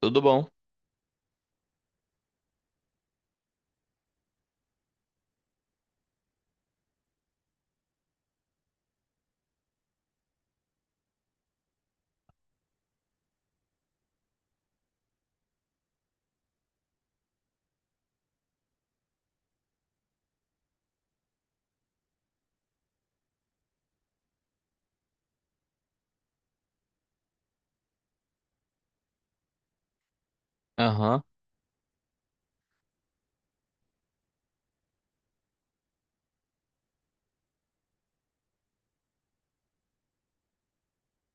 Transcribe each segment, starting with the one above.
Tudo bom? Aham,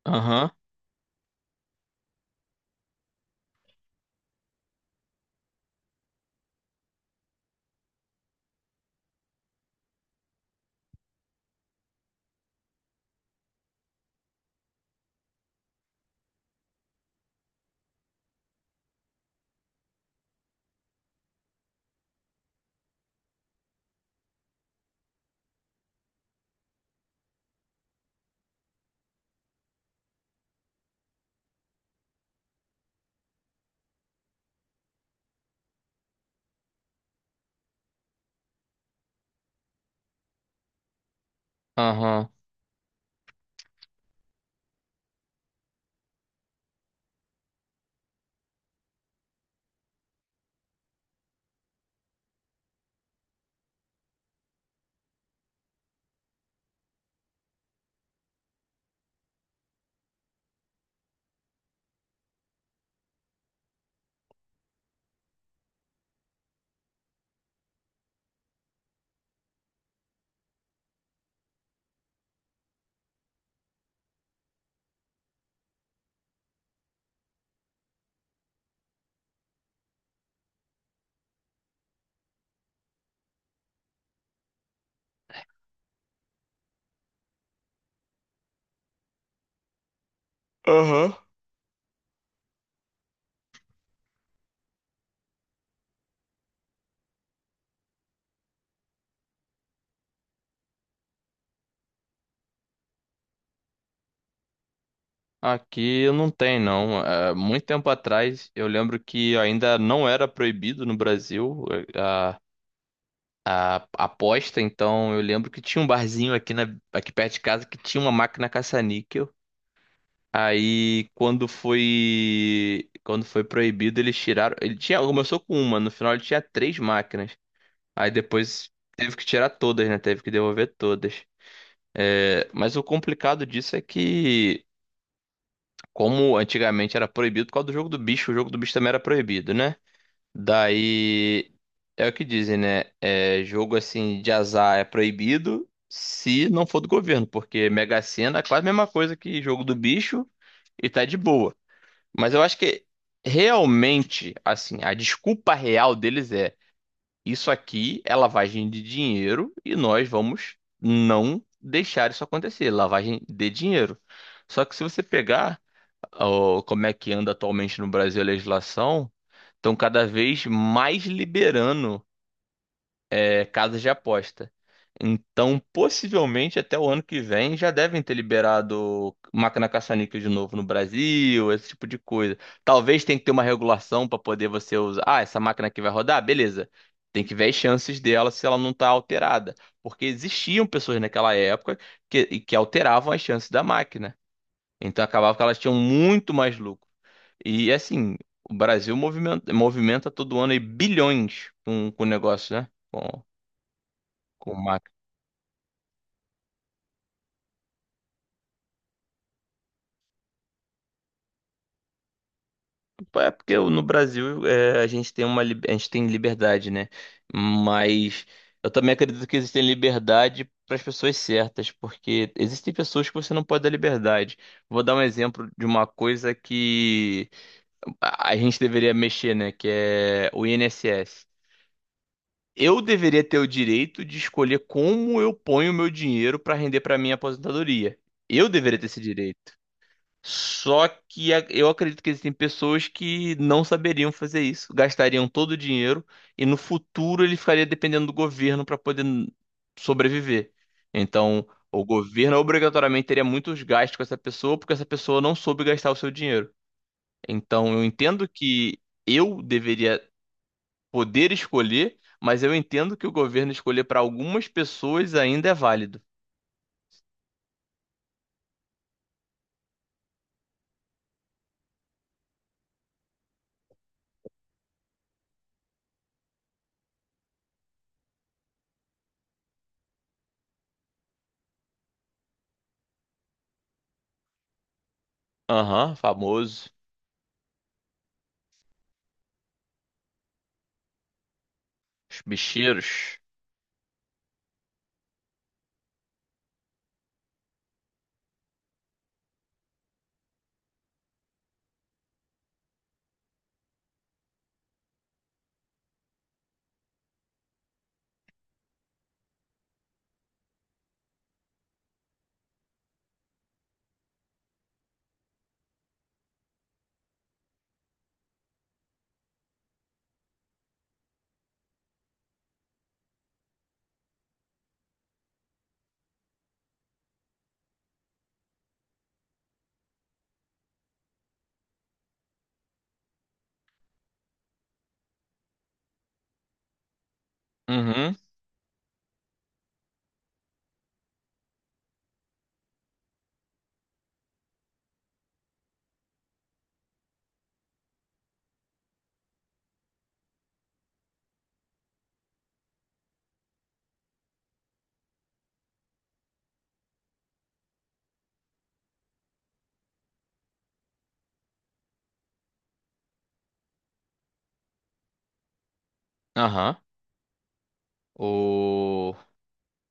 aham, aham. Aham. Aqui não tem, não. Muito tempo atrás, eu lembro que ainda não era proibido no Brasil é, a, a aposta, então eu lembro que tinha um barzinho aqui, aqui perto de casa que tinha uma máquina caça-níquel. Aí, quando foi proibido, eles tiraram. Ele tinha, começou com uma, no final ele tinha três máquinas. Aí depois teve que tirar todas, né? Teve que devolver todas. É, mas o complicado disso é que, como antigamente era proibido por causa do jogo do bicho, o jogo do bicho também era proibido, né? Daí é o que dizem, né? É, jogo assim de azar é proibido se não for do governo, porque Mega Sena é quase a mesma coisa que jogo do bicho e tá de boa. Mas eu acho que realmente, assim, a desculpa real deles é, isso aqui é lavagem de dinheiro e nós vamos não deixar isso acontecer, lavagem de dinheiro. Só que se você pegar ó, como é que anda atualmente no Brasil a legislação, estão cada vez mais liberando casas de aposta. Então, possivelmente até o ano que vem já devem ter liberado máquina caça-níquel de novo no Brasil, esse tipo de coisa. Talvez tenha que ter uma regulação para poder você usar. Ah, essa máquina aqui vai rodar? Beleza. Tem que ver as chances dela se ela não está alterada. Porque existiam pessoas naquela época que, e que alteravam as chances da máquina. Então acabava que elas tinham muito mais lucro. E assim, o Brasil movimenta, movimenta todo ano aí bilhões com o negócio, né? Com máquina. É porque no Brasil é, a gente tem uma lib- a gente tem liberdade, né? Mas eu também acredito que existe liberdade para as pessoas certas, porque existem pessoas que você não pode dar liberdade. Vou dar um exemplo de uma coisa que a gente deveria mexer, né? Que é o INSS. Eu deveria ter o direito de escolher como eu ponho o meu dinheiro para render para minha aposentadoria. Eu deveria ter esse direito. Só que a- eu acredito que existem pessoas que não saberiam fazer isso, gastariam todo o dinheiro e no futuro ele ficaria dependendo do governo para poder n- sobreviver. Então, o governo obrigatoriamente teria muitos gastos com essa pessoa porque essa pessoa não soube gastar o seu dinheiro. Então, eu entendo que eu deveria poder escolher, mas eu entendo que o governo escolher para algumas pessoas ainda é válido. Aham, famoso. Os bicheiros. Uhum, aham. O...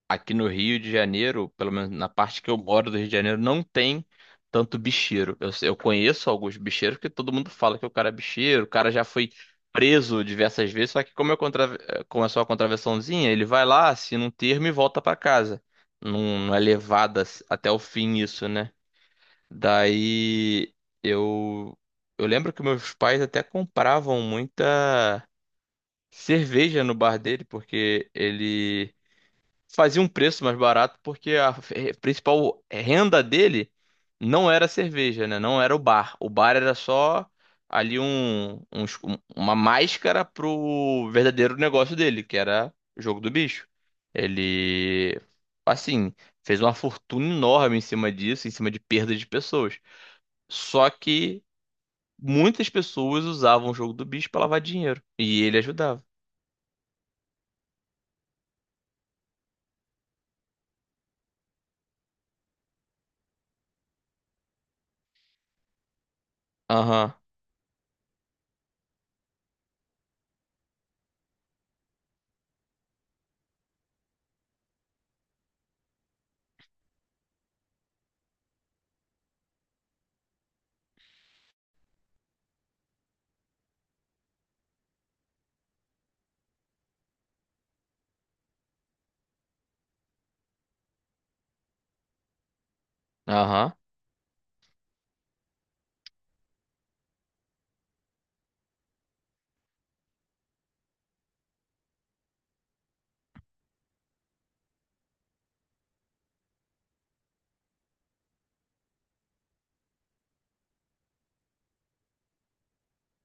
Aqui no Rio de Janeiro, pelo menos na parte que eu moro do Rio de Janeiro, não tem tanto bicheiro. Eu conheço alguns bicheiros porque todo mundo fala que o cara é bicheiro, o cara já foi preso diversas vezes, só que como eu contra... eh, começou a contravençãozinha, ele vai lá, assina um termo e volta pra casa. Não é levada até o fim isso, né? Daí eu eu lembro que meus pais até compravam muita cerveja no bar dele, porque ele fazia um preço mais barato porque a eh, principal renda dele não era a cerveja, né? Não era o bar. O bar era só ali um, um es- um- uma máscara pro verdadeiro negócio dele, que era o jogo do bicho. Ele, assim, fez uma fortuna enorme em cima disso, em cima de perda de pessoas. Só que muitas pessoas usavam o jogo do bicho para lavar dinheiro e ele ajudava. Aham, aham,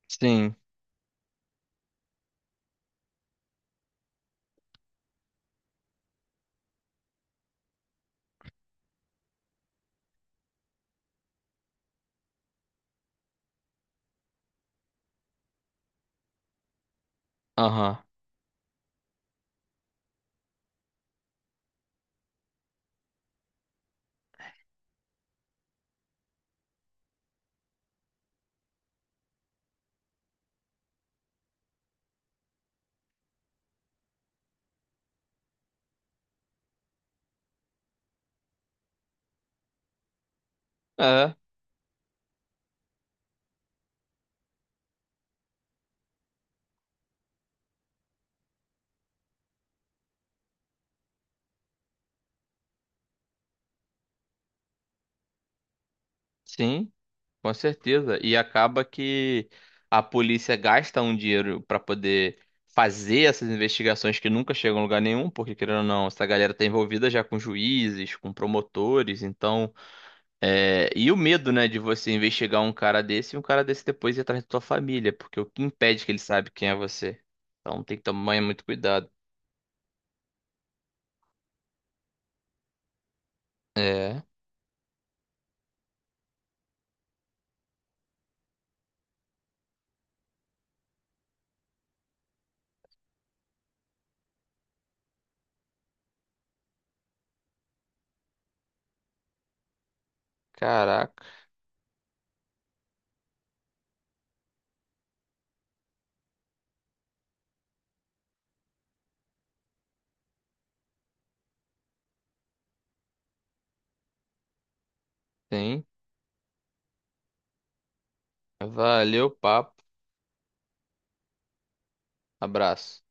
sim, aham, é, sim. Com certeza. E acaba que a polícia gasta um dinheiro para poder fazer essas investigações que nunca chegam a lugar nenhum, porque querendo ou não, essa galera tá envolvida já com juízes, com promotores, então. É, e o medo, né, de você investigar um cara desse e um cara desse depois ir atrás da tua família, porque o que impede que ele sabe quem é você? Então tem que tomar muito cuidado. É, caraca, tem. Valeu, papo. Abraço.